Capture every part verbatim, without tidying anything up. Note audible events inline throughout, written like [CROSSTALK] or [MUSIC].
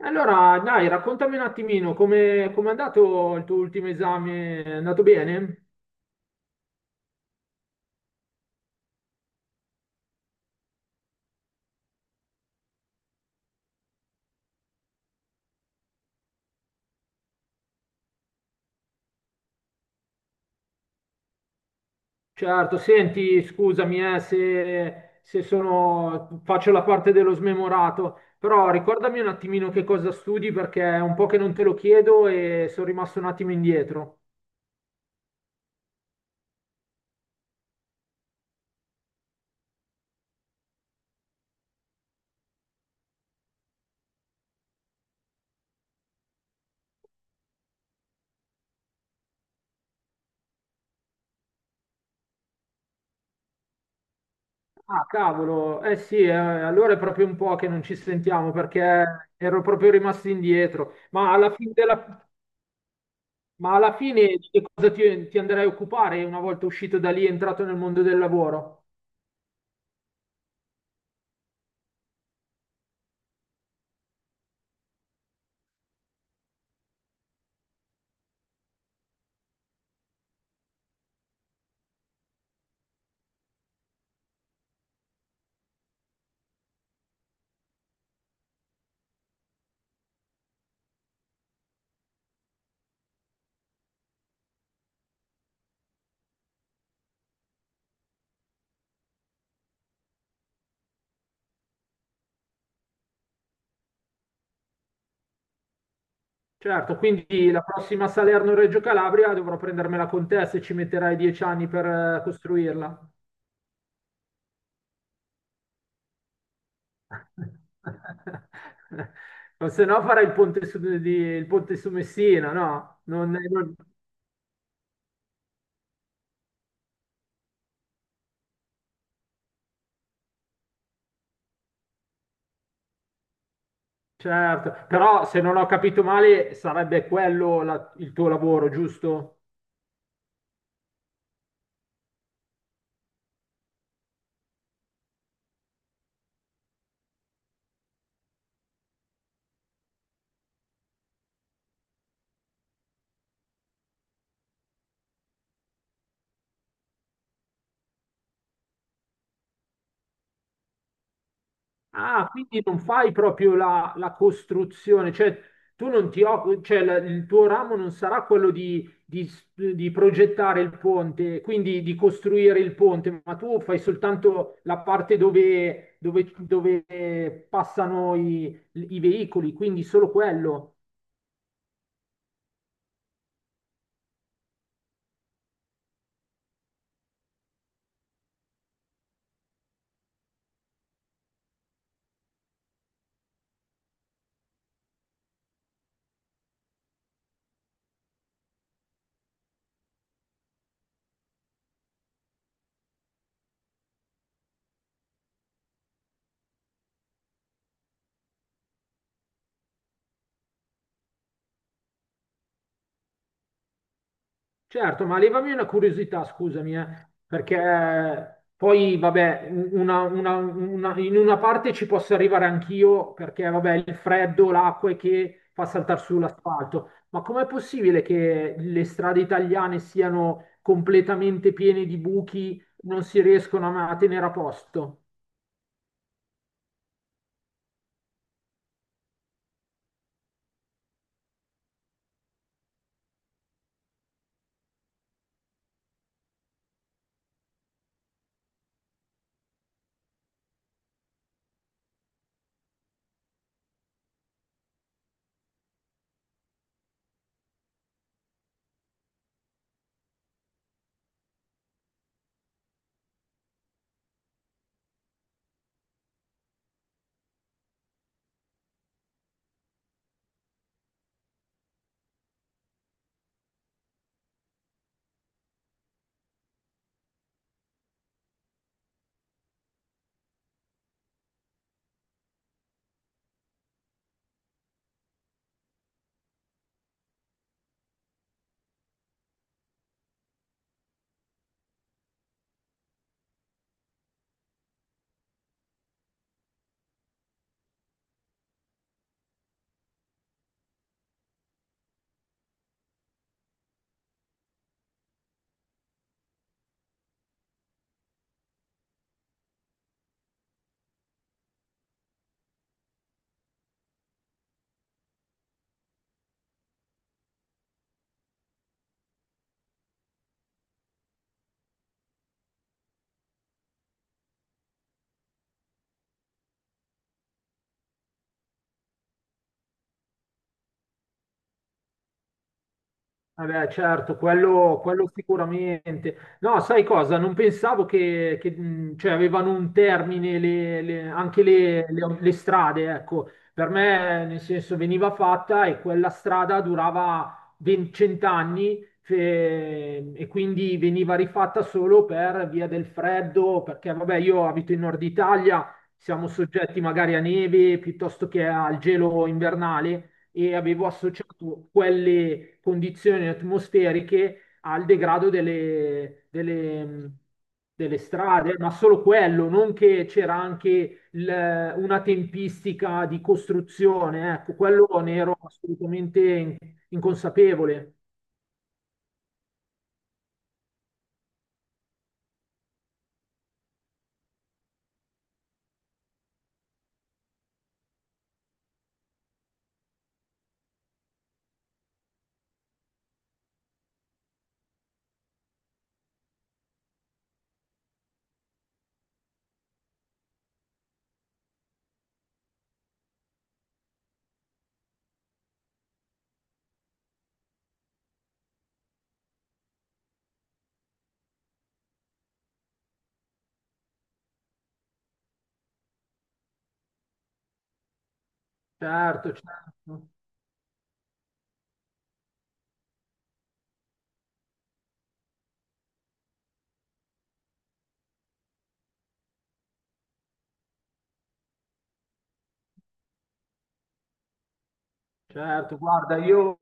Allora, dai, raccontami un attimino come come è andato il tuo ultimo esame? È andato bene? Certo, senti, scusami eh, se, se sono, faccio la parte dello smemorato, però ricordami un attimino che cosa studi perché è un po' che non te lo chiedo e sono rimasto un attimo indietro. Ah, cavolo, eh sì, eh, allora è proprio un po' che non ci sentiamo perché ero proprio rimasto indietro, ma alla fine della... Ma alla fine di che cosa ti, ti andrai a occupare una volta uscito da lì e entrato nel mondo del lavoro? Certo, quindi la prossima Salerno-Reggio Calabria dovrò prendermela con te se ci metterai dieci anni per eh, costruirla. [LAUGHS] O se no farai il ponte su, di- il ponte su Messina, no? Non- non- certo, però se non ho capito male sarebbe quello la- il tuo lavoro, giusto? Ah, quindi non fai proprio la, la costruzione, cioè tu non ti occupi, cioè la- il tuo ramo non sarà quello di, di s- di progettare il ponte, quindi di costruire il ponte, ma tu fai soltanto la parte dove, dove- dove passano i, i veicoli, quindi solo quello. Certo, ma levami una curiosità, scusami, eh, perché poi, vabbè, una- una- una- in una parte ci posso arrivare anch'io, perché, vabbè, il freddo, l'acqua è che fa saltare sull'asfalto, ma com'è possibile che le strade italiane siano completamente piene di buchi, non si riescono a a tenere a posto? Vabbè, certo, quello, quello sicuramente. No, sai cosa? Non pensavo che, che, mh, cioè, avevano un termine le- le- anche le, le- le strade, ecco. Per me, nel senso, veniva fatta e quella strada durava venti cent'anni fe- e quindi veniva rifatta solo per via del freddo, perché, vabbè, io abito in Nord Italia, siamo soggetti magari a neve piuttosto che al gelo invernale e avevo associato quelle condizioni atmosferiche al degrado delle, delle- delle strade, ma solo quello, non che c'era anche il- una tempistica di costruzione, ecco, quello ne ero assolutamente in- inconsapevole. Certo, certo. Certo, guarda, io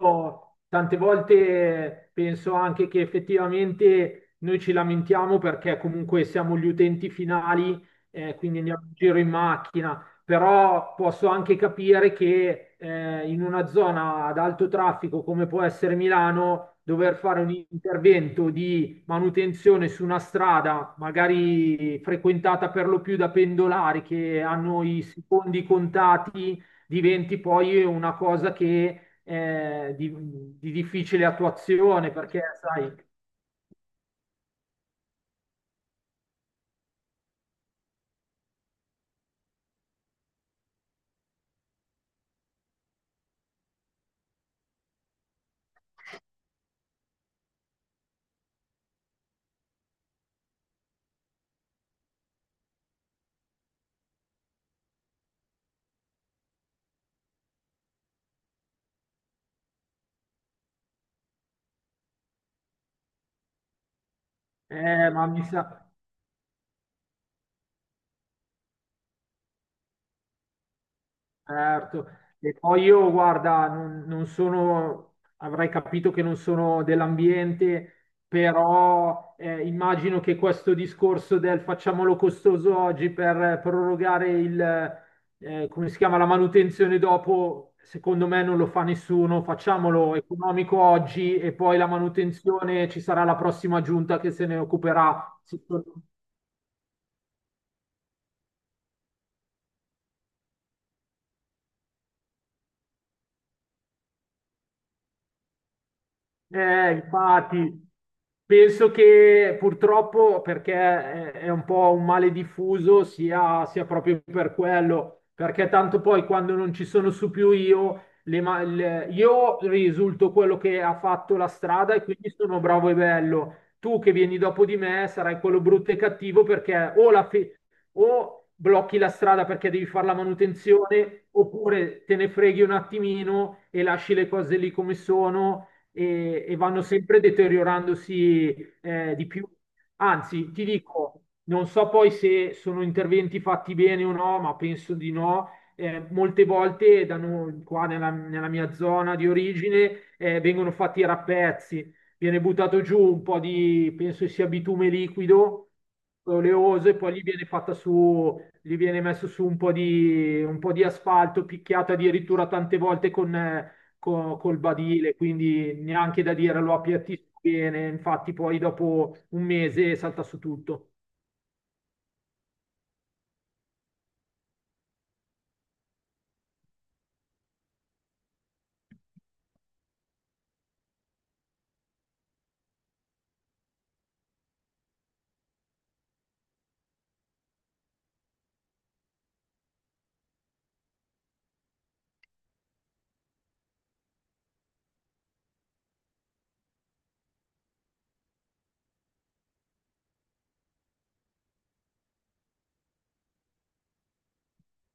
tante volte penso anche che effettivamente noi ci lamentiamo perché comunque siamo gli utenti finali, eh, quindi andiamo in giro in macchina, però posso anche capire che eh, in una zona ad alto traffico come può essere Milano, dover fare un intervento di manutenzione su una strada, magari frequentata per lo più da pendolari che hanno i secondi contati diventi poi una cosa che eh, di, di difficile attuazione, perché sai, eh, ma mi sa... Certo, e poi io, guarda, non, non sono, avrai capito che non sono dell'ambiente, però eh, immagino che questo discorso del facciamolo costoso oggi per prorogare il... eh, come si chiama, la manutenzione dopo, secondo me non lo fa nessuno, facciamolo economico oggi e poi la manutenzione ci sarà la prossima giunta che se ne occuperà. Eh, infatti, penso che purtroppo, perché è è un po' un male diffuso, sia, sia proprio per quello, perché tanto poi quando non ci sono su più io, le ma- le- io risulto quello che ha fatto la strada e quindi sono bravo e bello. Tu che vieni dopo di me sarai quello brutto e cattivo perché o, la fe- o blocchi la strada perché devi fare la manutenzione, oppure te ne freghi un attimino e lasci le cose lì come sono e, e vanno sempre deteriorandosi eh, di più. Anzi, ti dico, non so poi se sono interventi fatti bene o no, ma penso di no. Eh, molte volte da noi, qua nella, nella mia zona di origine eh, vengono fatti i rappezzi, viene buttato giù un po' di, penso sia bitume liquido, oleoso, e poi gli viene fatta su, gli viene messo su un po' di, un po' di asfalto, picchiato addirittura tante volte con, eh, co- col badile, quindi neanche da dire lo appiattisco bene, infatti poi dopo un mese salta su tutto.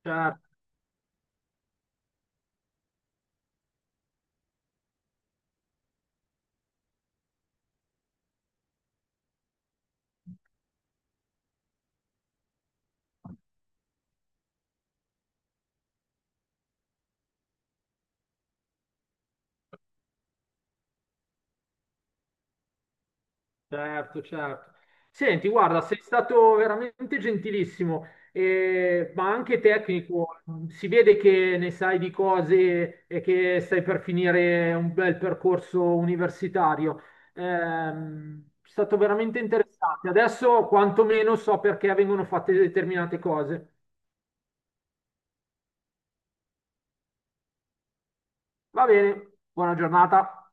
Certo, certo, certo. Senti, guarda, sei stato veramente gentilissimo, eh, ma anche tecnico. Si vede che ne sai di cose e che stai per finire un bel percorso universitario. Ehm, è stato veramente interessante. Adesso quantomeno so perché vengono fatte determinate cose. Va bene, buona giornata.